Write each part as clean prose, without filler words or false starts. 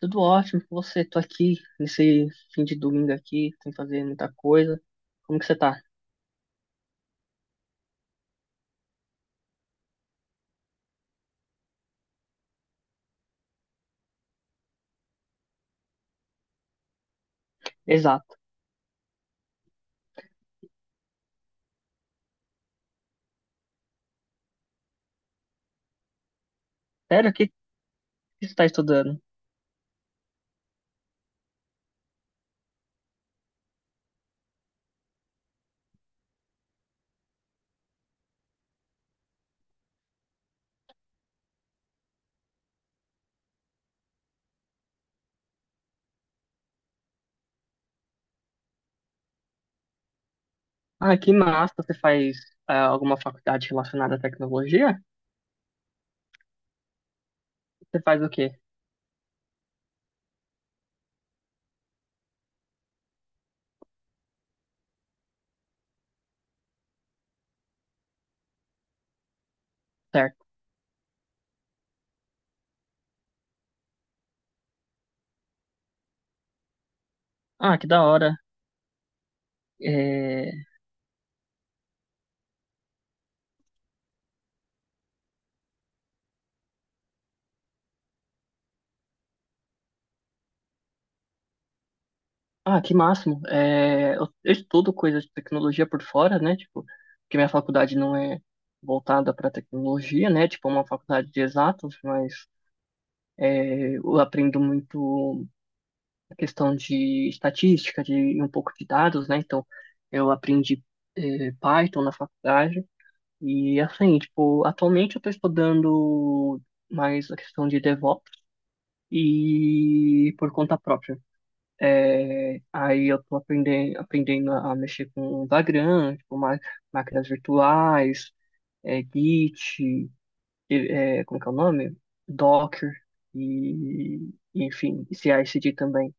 Tudo ótimo com você. Tô aqui nesse fim de domingo aqui, sem fazer muita coisa. Como que você tá? Exato. Sério, o que que você tá estudando? Ah, que massa. Você faz alguma faculdade relacionada à tecnologia? Você faz o quê? Certo. Ah, que da hora. É... Ah, que máximo. Eu estudo coisas de tecnologia por fora, né? Tipo, porque minha faculdade não é voltada para tecnologia, né? Tipo, é uma faculdade de exatas, mas eu aprendo muito questão de estatística, de e um pouco de dados, né? Então, eu aprendi Python na faculdade e assim, tipo, atualmente eu estou estudando mais a questão de DevOps e por conta própria. Aí eu estou aprendendo a mexer com Vagrant, tipo, máquinas virtuais, Git, como que é o nome? Docker e, enfim, CI/CD também.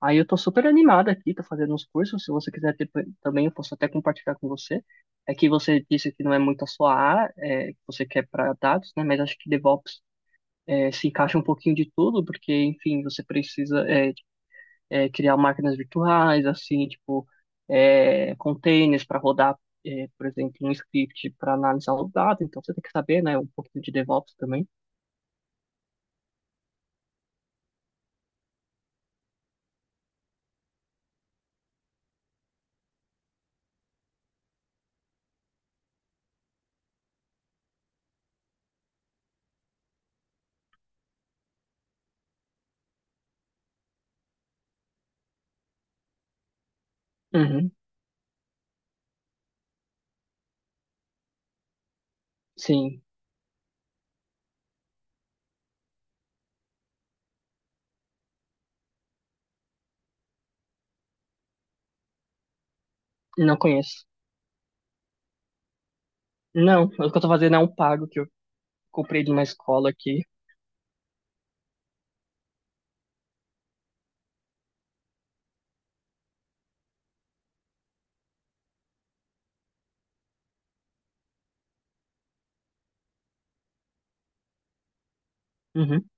Aí eu tô super animado aqui, tô fazendo uns cursos. Se você quiser ter, também, eu posso até compartilhar com você. É que você disse que não é muito a sua área, que você quer para dados, né? Mas acho que DevOps se encaixa um pouquinho de tudo, porque, enfim, você precisa criar máquinas virtuais, assim, tipo, containers para rodar, por exemplo, um script para analisar o dado. Então você tem que saber, né? Um pouquinho de DevOps também. Uhum, sim, não conheço. Não, o que eu tô fazendo é um pago que eu comprei de uma escola aqui. Uhum.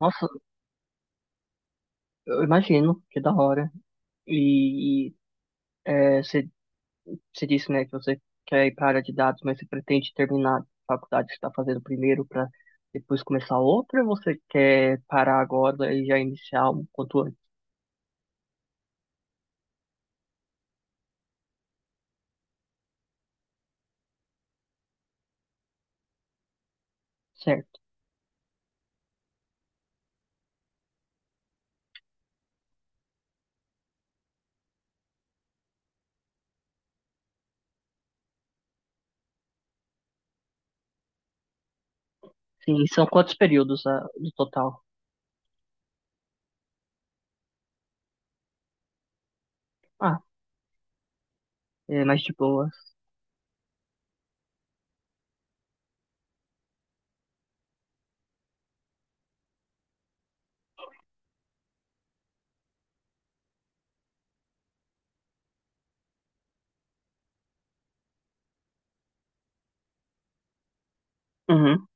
Nossa, eu imagino, que da hora. E, e, você disse, né, que você quer ir para a área de dados, mas você pretende terminar a faculdade que você está fazendo primeiro para depois começar outra, ou você quer parar agora e já iniciar um quanto antes? Certo. Sim, e são quantos períodos no total? Ah, é mais de boas. Uhum.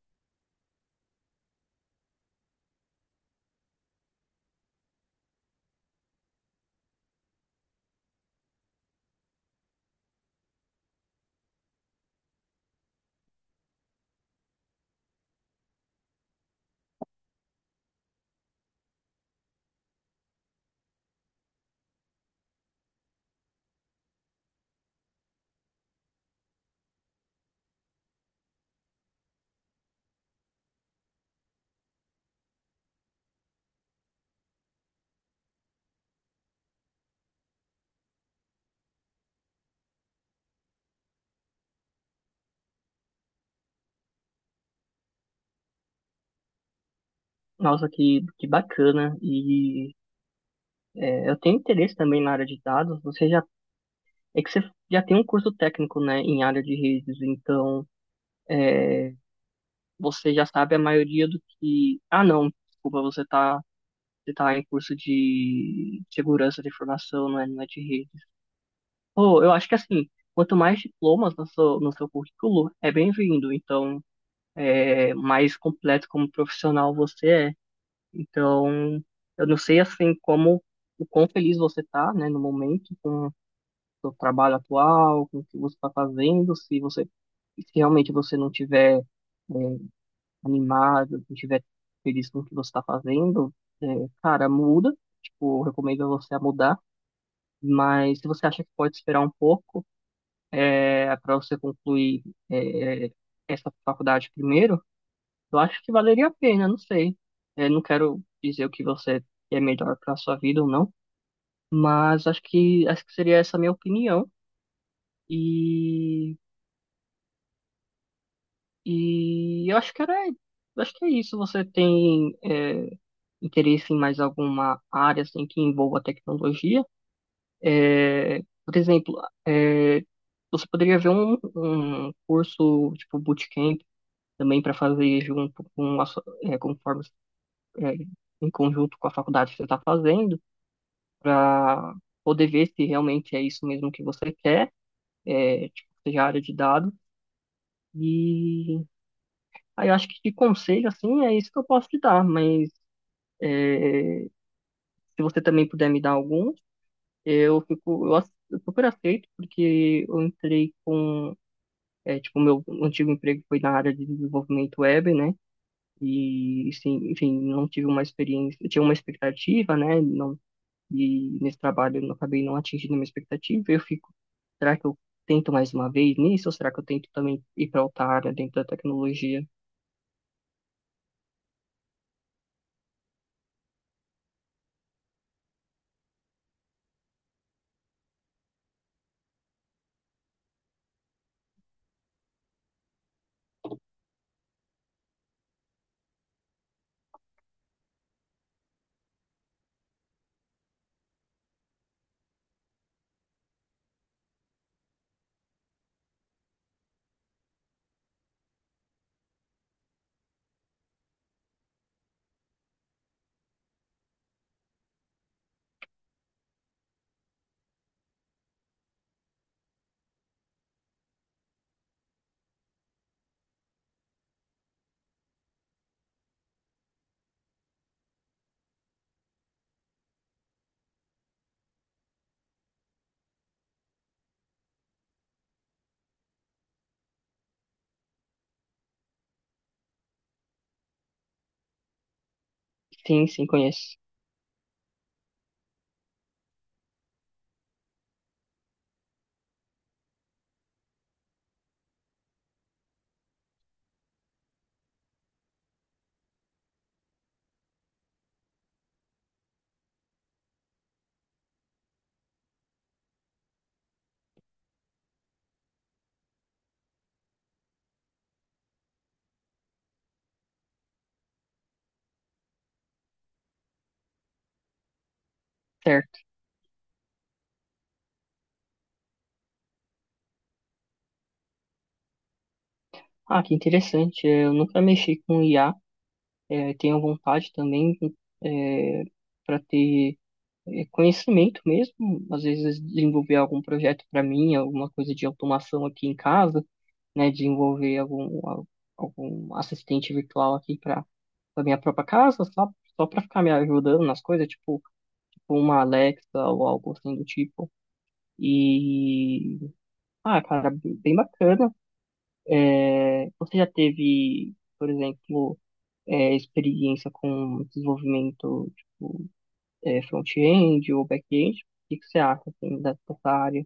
Nossa, que bacana. Eu tenho interesse também na área de dados. Você já tem um curso técnico, né, em área de redes, então. é, você já sabe a maioria do que. Ah, não, desculpa, você tá em curso de segurança de informação, não é, não é de rede. Pô, eu acho que assim, quanto mais diplomas no seu currículo, é bem-vindo. Então, mais completo como profissional você é. Então, eu não sei assim como. O quão feliz você tá, né, no momento, com o seu trabalho atual, com o que você tá fazendo, se realmente você não tiver é, animado, se estiver feliz com o que você está fazendo, é, cara, muda. Tipo, eu recomendo você a mudar. Mas se você acha que pode esperar um pouco, para você concluir, é, essa faculdade primeiro, eu acho que valeria a pena, não sei. É, não quero dizer o que você melhor para sua vida ou não, mas acho que seria essa a minha opinião. E, e eu acho que era, eu acho que é isso. Você tem interesse em mais alguma área assim, que envolva tecnologia. É, por exemplo, é, você poderia ver um curso tipo bootcamp também para fazer junto com a, conforme, é, em conjunto com a faculdade que você está fazendo, para poder ver se realmente é isso mesmo que você quer, tipo, seja a área de dados. E aí eu acho que de conselho, assim, é isso que eu posso te dar, mas é, se você também puder me dar alguns, eu fico, eu super aceito, porque eu entrei com, tipo, meu antigo emprego foi na área de desenvolvimento web, né? E, sim, enfim, não tive uma experiência, eu tinha uma expectativa, né? Não, e nesse trabalho eu não- acabei não atingindo a minha expectativa. Eu fico, será que eu tento mais uma vez nisso? Ou será que eu tento também ir para outra área dentro da tecnologia? Sim, sim, conheço. Certo. Ah, que interessante. Eu nunca mexi com IA. Tenho vontade também, é, para ter conhecimento mesmo, às vezes desenvolver algum projeto para mim, alguma coisa de automação aqui em casa, né, desenvolver algum assistente virtual aqui para a minha própria casa, só, só para ficar me ajudando nas coisas, tipo, tipo uma Alexa ou algo assim do tipo. E, ah, cara, bem bem bacana. É, você já teve, por exemplo, experiência com desenvolvimento tipo, front-end ou back-end? O que que você acha, assim, dessa área?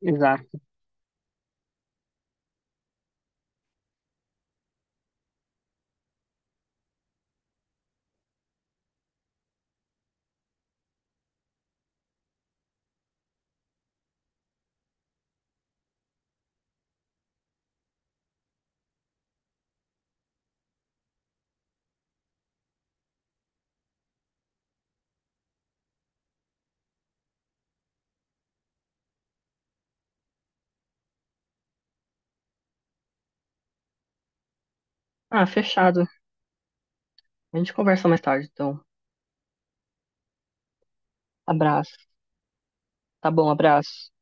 Exato. Ah, fechado. A gente conversa mais tarde, então. Abraço. Tá bom, abraço.